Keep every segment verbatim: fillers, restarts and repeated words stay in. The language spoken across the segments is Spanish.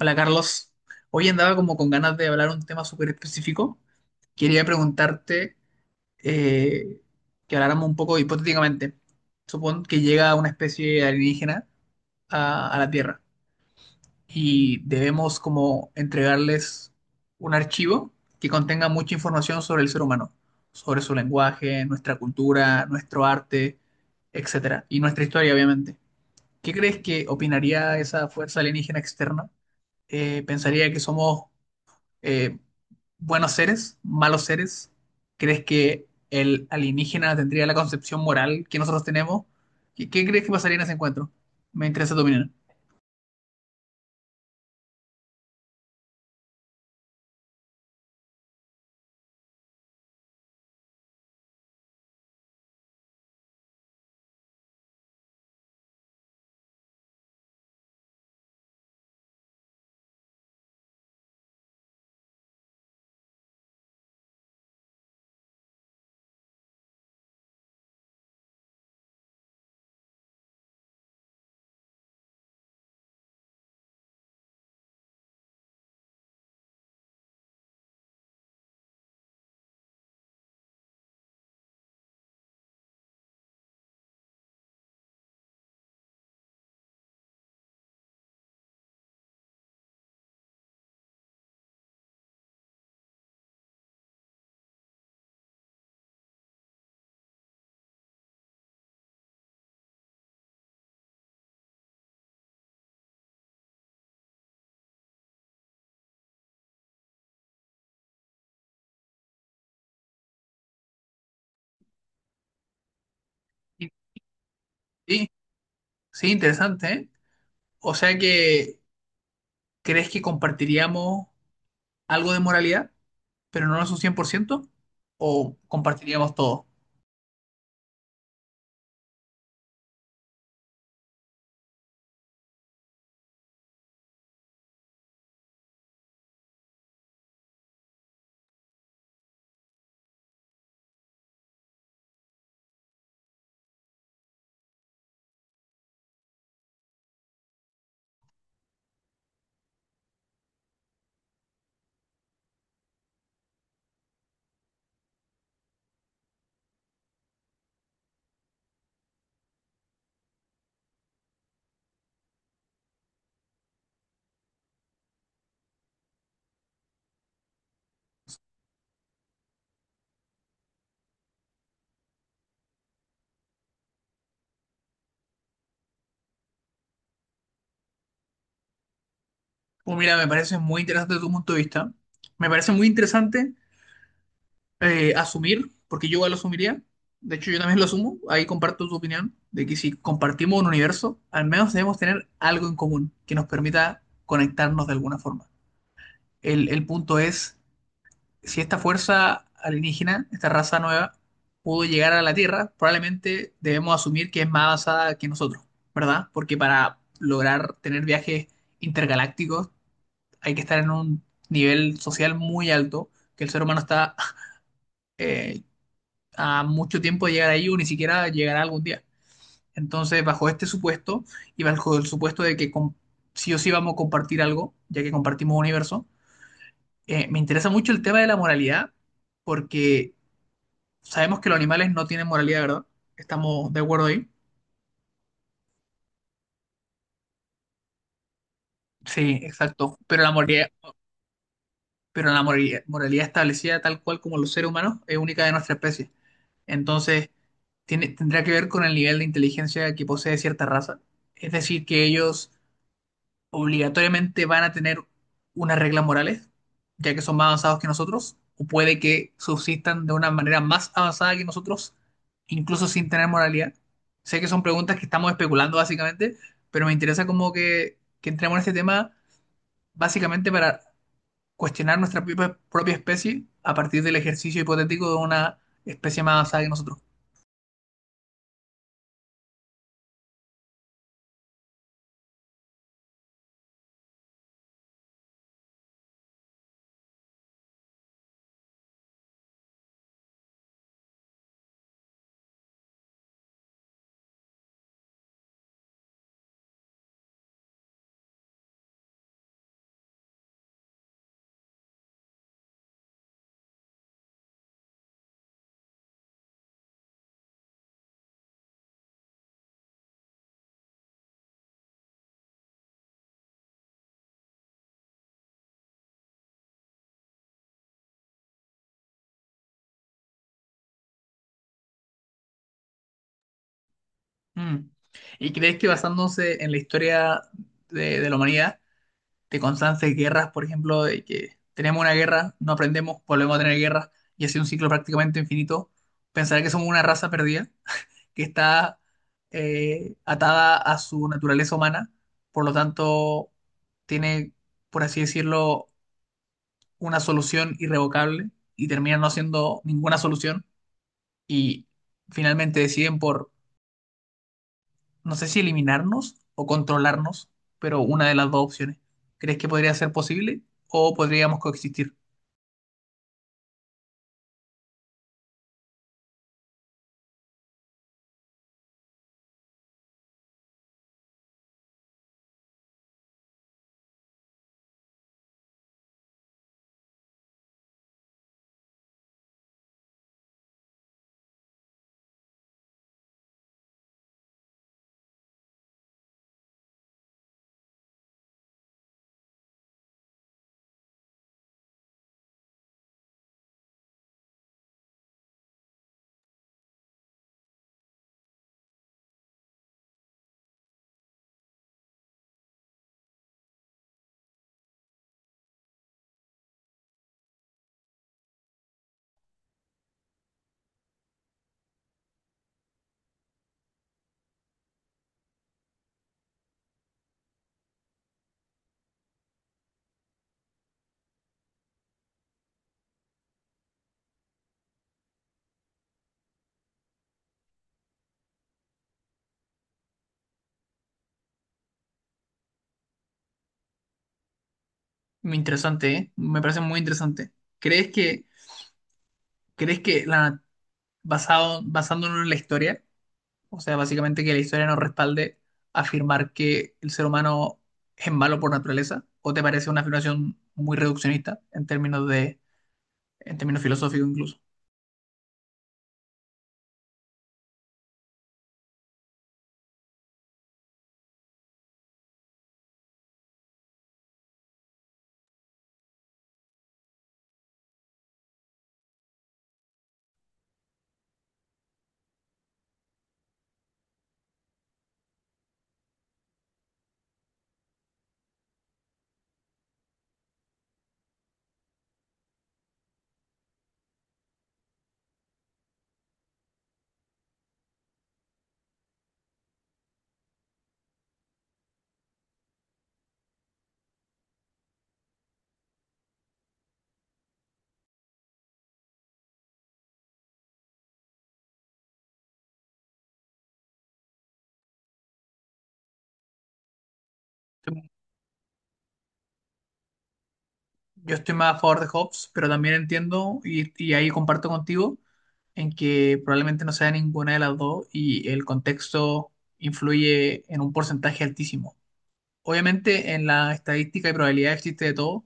Hola Carlos, hoy andaba como con ganas de hablar un tema súper específico. Quería preguntarte eh, que habláramos un poco hipotéticamente. Supón que llega una especie alienígena a, a la Tierra y debemos como entregarles un archivo que contenga mucha información sobre el ser humano, sobre su lenguaje, nuestra cultura, nuestro arte, etcétera, y nuestra historia, obviamente. ¿Qué crees que opinaría esa fuerza alienígena externa? Eh, ¿Pensaría que somos eh, buenos seres, malos seres? ¿Crees que el alienígena tendría la concepción moral que nosotros tenemos? ¿Qué, qué crees que pasaría en ese encuentro? Me interesa tu opinión. Y- Sí, sí, interesante, ¿eh? O sea que, ¿crees que compartiríamos algo de moralidad, pero no es un cien por ciento, o compartiríamos todo? Pues mira, me parece muy interesante tu punto de vista. Me parece muy interesante eh, asumir, porque yo igual lo asumiría. De hecho, yo también lo asumo. Ahí comparto tu opinión de que si compartimos un universo, al menos debemos tener algo en común que nos permita conectarnos de alguna forma. El, el punto es, si esta fuerza alienígena, esta raza nueva, pudo llegar a la Tierra, probablemente debemos asumir que es más avanzada que nosotros, ¿verdad? Porque para lograr tener viajes intergalácticos hay que estar en un nivel social muy alto que el ser humano está eh, a mucho tiempo de llegar ahí o ni siquiera llegará algún día. Entonces, bajo este supuesto y bajo el supuesto de que com- sí o sí vamos a compartir algo, ya que compartimos universo, eh, me interesa mucho el tema de la moralidad porque sabemos que los animales no tienen moralidad, ¿verdad? Estamos de acuerdo ahí. Sí, exacto. Pero la moralidad, pero la moralidad, moralidad establecida tal cual como los seres humanos es única de nuestra especie. Entonces, tiene, tendrá que ver con el nivel de inteligencia que posee cierta raza. Es decir, que ellos obligatoriamente van a tener unas reglas morales, ya que son más avanzados que nosotros, o puede que subsistan de una manera más avanzada que nosotros, incluso sin tener moralidad. Sé que son preguntas que estamos especulando básicamente, pero me interesa como que, que entremos en este tema básicamente para cuestionar nuestra propia, propia especie a partir del ejercicio hipotético de una especie más avanzada que nosotros. Mm. ¿Y crees que basándose en la historia de de la humanidad, de constantes guerras, por ejemplo, de que tenemos una guerra, no aprendemos, volvemos a tener guerras y así un ciclo prácticamente infinito, pensar que somos una raza perdida que está eh, atada a su naturaleza humana, por lo tanto tiene, por así decirlo, una solución irrevocable y termina no siendo ninguna solución y finalmente deciden por, no sé si eliminarnos o controlarnos, pero una de las dos opciones? ¿Crees que podría ser posible o podríamos coexistir? Muy interesante, ¿eh? Me parece muy interesante. ¿Crees que, crees que la, basado, basándonos en la historia, o sea, básicamente que la historia nos respalde afirmar que el ser humano es malo por naturaleza? ¿O te parece una afirmación muy reduccionista en términos de, en términos filosóficos incluso? Yo estoy más a favor de Hobbes, pero también entiendo y, y ahí comparto contigo en que probablemente no sea ninguna de las dos y el contexto influye en un porcentaje altísimo. Obviamente en la estadística y probabilidad existe de todo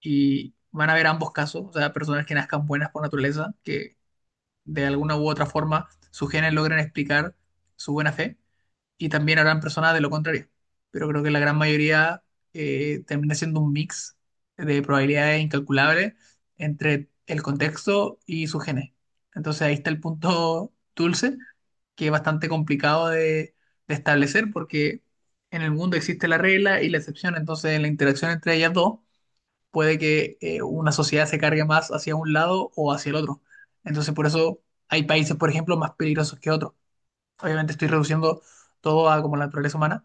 y van a haber ambos casos, o sea, personas que nazcan buenas por naturaleza, que de alguna u otra forma sus genes logran explicar su buena fe y también habrán personas de lo contrario. Pero creo que la gran mayoría eh, termina siendo un mix de probabilidades incalculables entre el contexto y su genes. Entonces ahí está el punto dulce, que es bastante complicado de, de establecer porque en el mundo existe la regla y la excepción. Entonces en la interacción entre ellas dos puede que eh, una sociedad se cargue más hacia un lado o hacia el otro. Entonces por eso hay países, por ejemplo, más peligrosos que otros. Obviamente estoy reduciendo todo a como la naturaleza humana,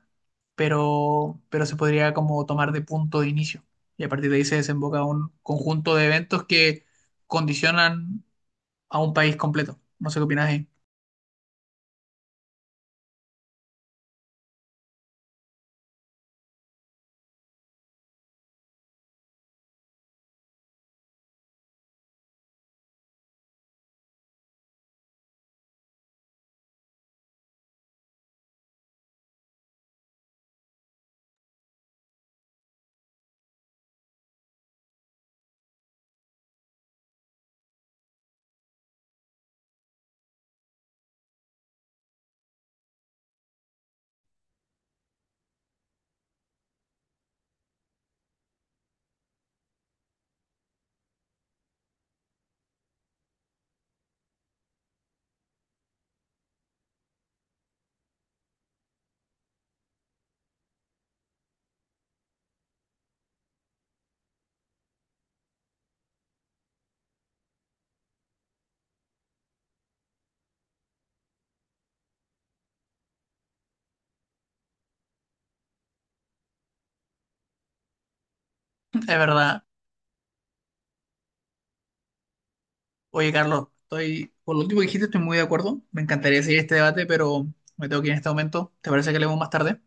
pero, pero se podría como tomar de punto de inicio. Y a partir de ahí se desemboca un conjunto de eventos que condicionan a un país completo. No sé qué opinas ahí. Es verdad. Oye, Carlos, estoy, por lo último que dijiste, estoy muy de acuerdo. Me encantaría seguir este debate, pero me tengo que ir en este momento. ¿Te parece que leemos más tarde?